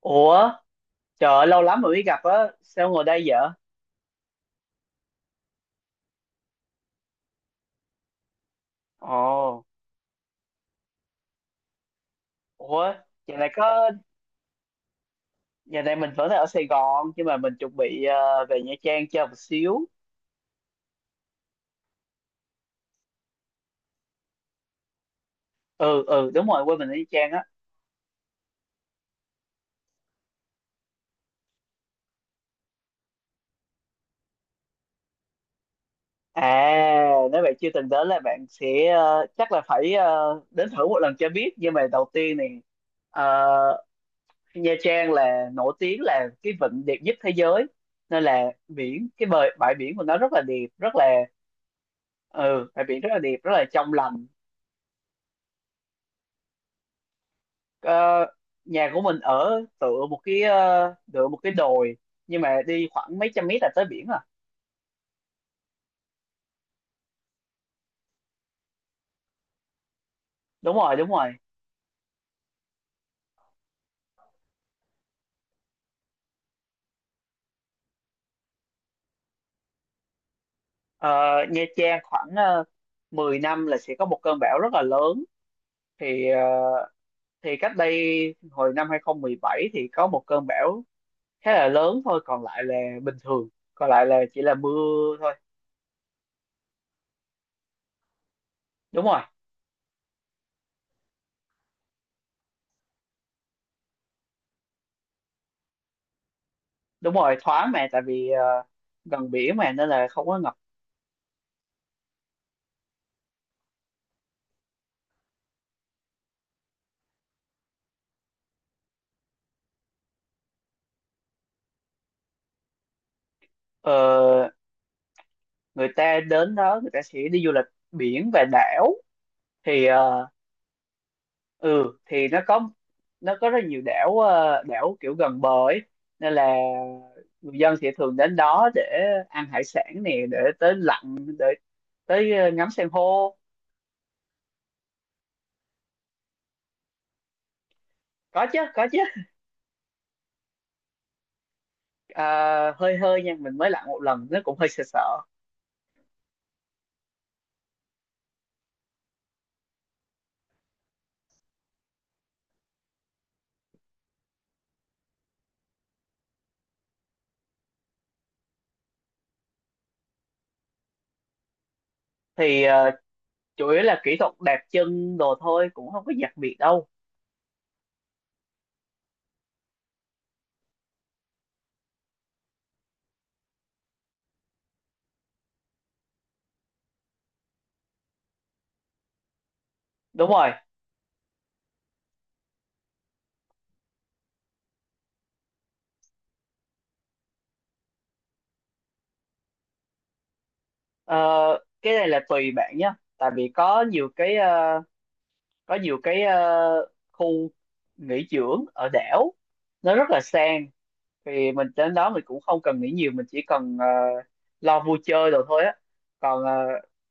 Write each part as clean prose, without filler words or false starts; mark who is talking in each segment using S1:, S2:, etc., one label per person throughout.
S1: Ủa, trời ơi, lâu lắm rồi mới gặp á, sao ngồi đây vậy? Ồ, ủa, giờ này có, giờ này mình vẫn đang ở Sài Gòn, nhưng mà mình chuẩn bị về Nha Trang chơi một xíu. Ừ, Đúng rồi, quên mình ở Nha Trang á. À, nếu bạn chưa từng đến là bạn sẽ, ờ, chắc là phải đến thử một lần cho biết. Nhưng mà đầu tiên này, ờ, Nha Trang là nổi tiếng là cái vịnh đẹp nhất thế giới. Nên là bãi biển của nó rất là đẹp, bãi biển rất là đẹp, rất là trong lành. Ờ, Nhà của mình ở tựa một cái đồi, nhưng mà đi khoảng mấy trăm mét là tới biển à. Đúng rồi, đúng rồi. Ờ, Nha Trang khoảng uh, 10 năm là sẽ có một cơn bão rất là lớn, thì ờ, thì cách đây hồi năm 2017 thì có một cơn bão khá là lớn thôi, còn lại là bình thường, còn lại là chỉ là mưa thôi. Đúng rồi, đúng rồi thoáng, mà tại vì gần biển mà nên là không có ngập. Ờ, Người ta đến đó người ta sẽ đi du lịch biển và đảo. Thì ờ, ừ thì nó có Nó có rất nhiều đảo, đảo kiểu gần bờ ấy, nên là người dân sẽ thường đến đó để ăn hải sản nè, để tới lặn, để tới ngắm san hô. Có chứ, có chứ. À, hơi hơi nha, mình mới lặn một lần, nó cũng hơi sợ sợ. thì ờ, Chủ yếu là kỹ thuật đạp chân đồ thôi, cũng không có đặc biệt đâu. Đúng rồi. Ờ, cái này là tùy bạn nhé, tại vì có nhiều khu nghỉ dưỡng ở đảo nó rất là sang, thì mình đến đó mình cũng không cần nghĩ nhiều, mình chỉ cần lo vui chơi rồi thôi á. Còn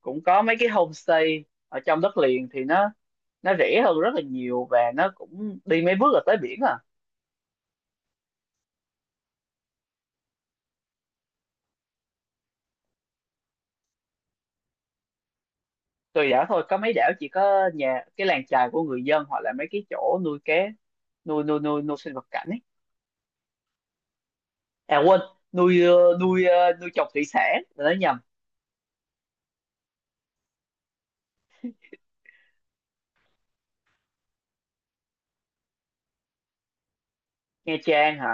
S1: cũng có mấy cái homestay ở trong đất liền thì nó rẻ hơn rất là nhiều, và nó cũng đi mấy bước là tới biển à. Tùy đảo thôi, có mấy đảo chỉ có nhà, cái làng chài của người dân, hoặc là mấy cái chỗ nuôi cá, nuôi nuôi nuôi nuôi sinh vật cảnh ấy. À quên, nuôi trồng thủy sản, là nói nhầm. Nha Trang hả?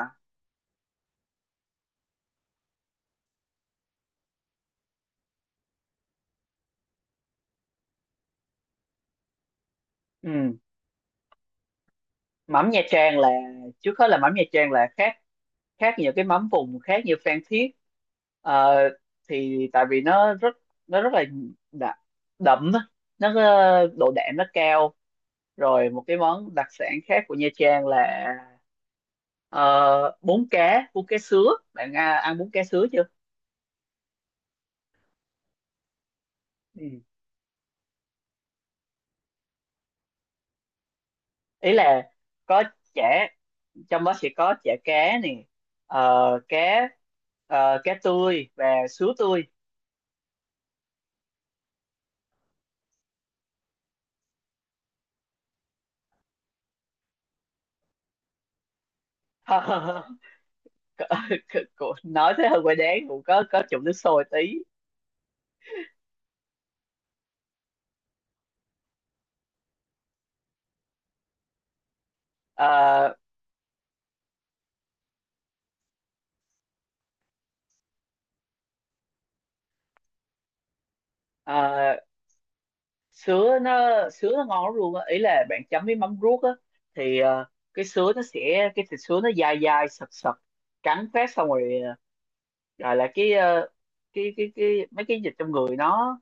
S1: Ừ. Mắm Nha Trang là, trước hết là mắm Nha Trang là khác, khác nhiều cái mắm vùng khác như Phan Thiết. Ờ, thì tại vì nó rất là đậm, đậm á. Nó độ đạm nó cao. Rồi một cái món đặc sản khác của Nha Trang là, bún cá sứa. Bạn à, ăn bún cá sứa chưa? Ừ. Ý là có chả, trong đó sẽ có chả cá nè, ờ, cá cá tươi và sứa tươi. Nói thế hơi quay đáng, cũng có chụm nước sôi tí. Ờ, ờ, sứa nó sứa nó ngon lắm luôn á, ý là bạn chấm với mắm ruốc á. thì ờ, cái sứa nó sẽ, cái thịt sứa nó dai dai sật sật, cắn phát xong rồi, rồi là cái mấy cái dịch trong người nó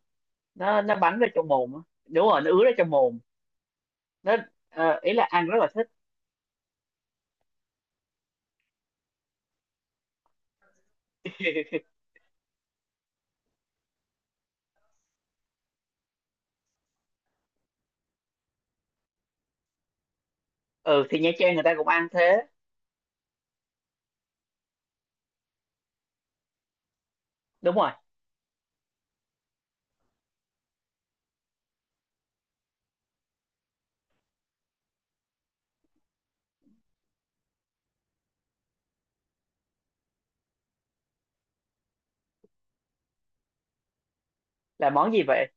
S1: nó nó bắn ra trong mồm á. Đúng rồi, nó ứa ra trong mồm. nó Ý là ăn rất là thích. Ừ thì Nha Trang người ta cũng ăn thế. Đúng rồi. Là món gì vậy?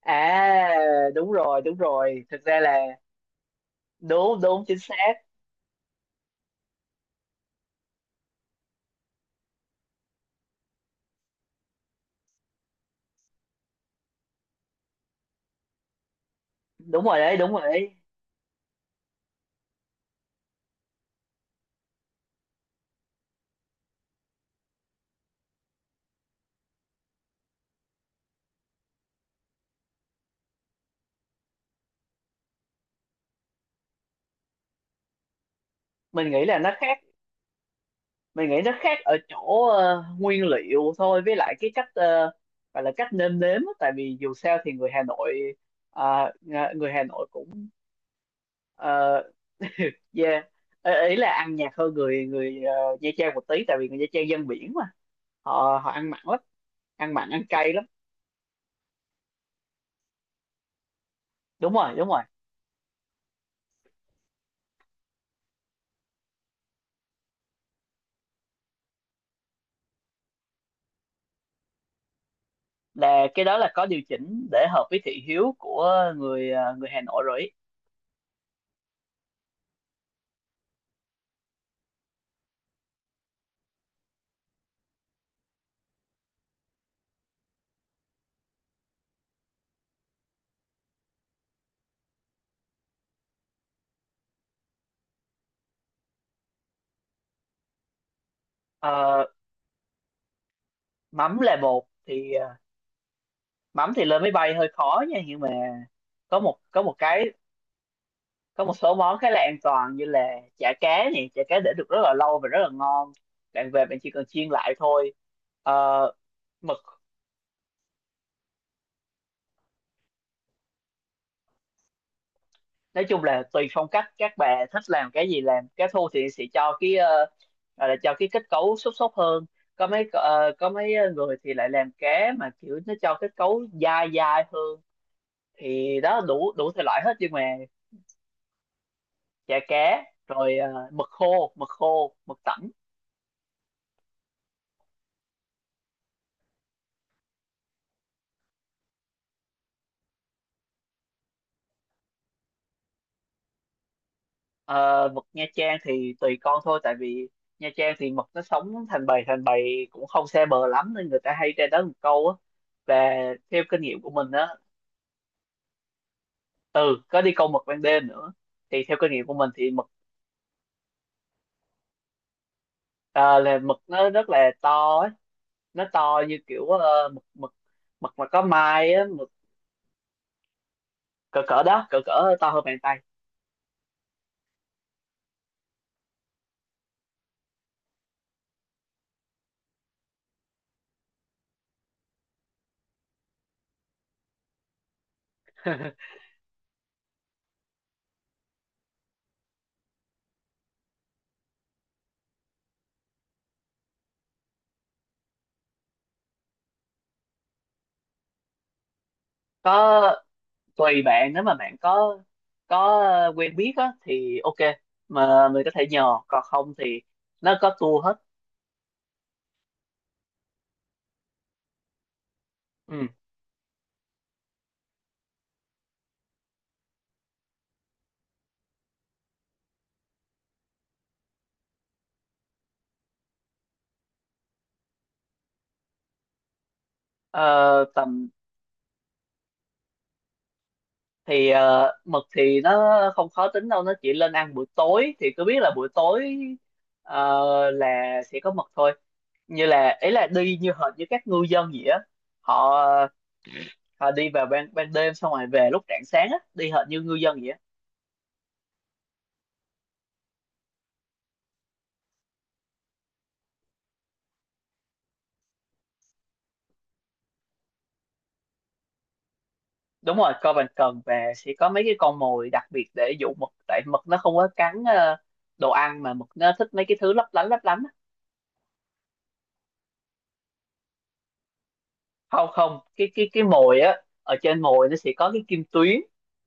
S1: À, đúng rồi, đúng rồi, thực ra là, đúng đúng, chính xác. Đúng rồi đấy, đúng rồi đấy. Mình nghĩ là nó khác. Mình nghĩ nó khác ở chỗ nguyên liệu thôi, với lại cái cách, gọi là cách nêm nếm á. Tại vì dù sao thì người Hà Nội, người Hà Nội cũng, ờ, yeah, ý ý là ăn nhạt hơn người người ờ, Nha Trang một tí, tại vì người Nha Trang dân biển mà, họ họ ăn mặn lắm, ăn mặn ăn cay lắm. Đúng rồi, đúng rồi, là cái đó là có điều chỉnh để hợp với thị hiếu của người Hà Nội rồi ý. Ờ, Mắm là bột thì, mắm thì lên máy bay hơi khó nha, nhưng mà có một có một số món khá là an toàn, như là chả cá này, chả cá để được rất là lâu và rất là ngon, bạn về bạn chỉ cần chiên lại thôi. Ờ, Mực. Nói chung là tùy phong cách, các bà thích làm cái gì làm, cá thu thì sẽ cho gọi là cho cái kết cấu xốp xốp hơn, có mấy người thì lại làm cá mà kiểu nó cho kết cấu dai dai hơn, thì đó, đủ đủ thể loại hết, nhưng mà chả cá rồi, mực khô, mực tẩm. Ờ, Mực Nha Trang thì tùy con thôi, tại vì Nha Trang thì mực nó sống thành bầy, thành bầy cũng không xa bờ lắm, nên người ta hay ra đó một câu á. Và theo kinh nghiệm của mình á, ừ, có đi câu mực ban đêm nữa. Thì theo kinh nghiệm của mình thì mực, ờ, là mực nó rất là to ấy. Nó to như kiểu, ờ, mực mực mực mà có mai á, mực cỡ cỡ đó, cỡ cỡ to hơn bàn tay. Có. Tùy bạn, nếu mà bạn có quen biết á thì ok, mà mình có thể nhờ, còn không thì nó có tour hết. Ừ. Ờ, tầm Mực thì nó không khó tính đâu, nó chỉ lên ăn buổi tối, thì cứ biết là buổi tối ờ, là sẽ có mực thôi. Như là ấy là đi như hệt như các ngư dân vậy á, họ họ đi vào ban ban đêm xong rồi về lúc rạng sáng á, đi hệt như ngư dân vậy á. Đúng rồi, coi bàn cần và sẽ có mấy cái con mồi đặc biệt để dụ mực, tại mực nó không có cắn đồ ăn, mà mực nó thích mấy cái thứ lấp lánh á. Không không, cái mồi á, ở trên mồi nó sẽ có cái kim tuyến,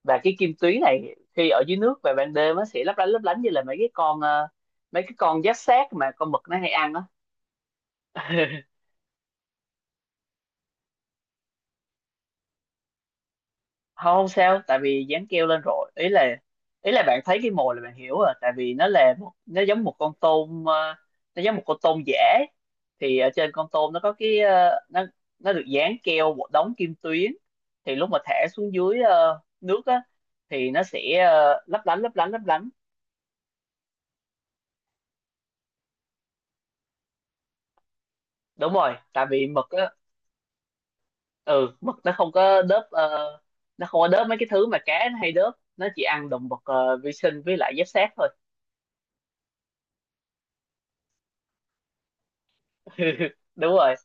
S1: và cái kim tuyến này khi ở dưới nước về ban đêm nó sẽ lấp lánh như là mấy cái con, mấy cái con giáp xác mà con mực nó hay ăn á. Không không sao, tại vì dán keo lên rồi, ý là, ý là bạn thấy cái mồi là bạn hiểu rồi, tại vì nó là một- nó giống một con tôm, nó giống một con tôm giả. Thì ở trên con tôm nó có cái, nó được dán keo một đống kim tuyến, thì lúc mà thả xuống dưới nước á thì nó sẽ lấp lánh lấp lánh lấp lánh. Đúng rồi, tại vì mực á, ừ, mực nó không có đớp, nó không có đớp mấy cái thứ mà cá nó hay đớp, nó chỉ ăn động vật vi sinh với lại giáp xác thôi. Đúng rồi.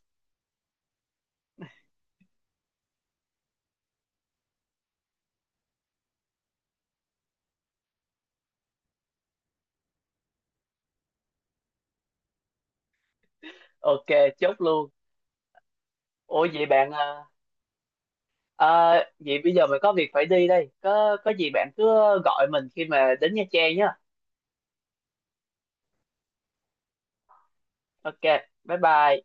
S1: Ok, chốt luôn. Ủa vậy bạn à, à, vậy bây giờ mình có việc phải đi đây, có gì bạn cứ gọi mình khi mà đến Nha Trang nhá. Ok, bye bye.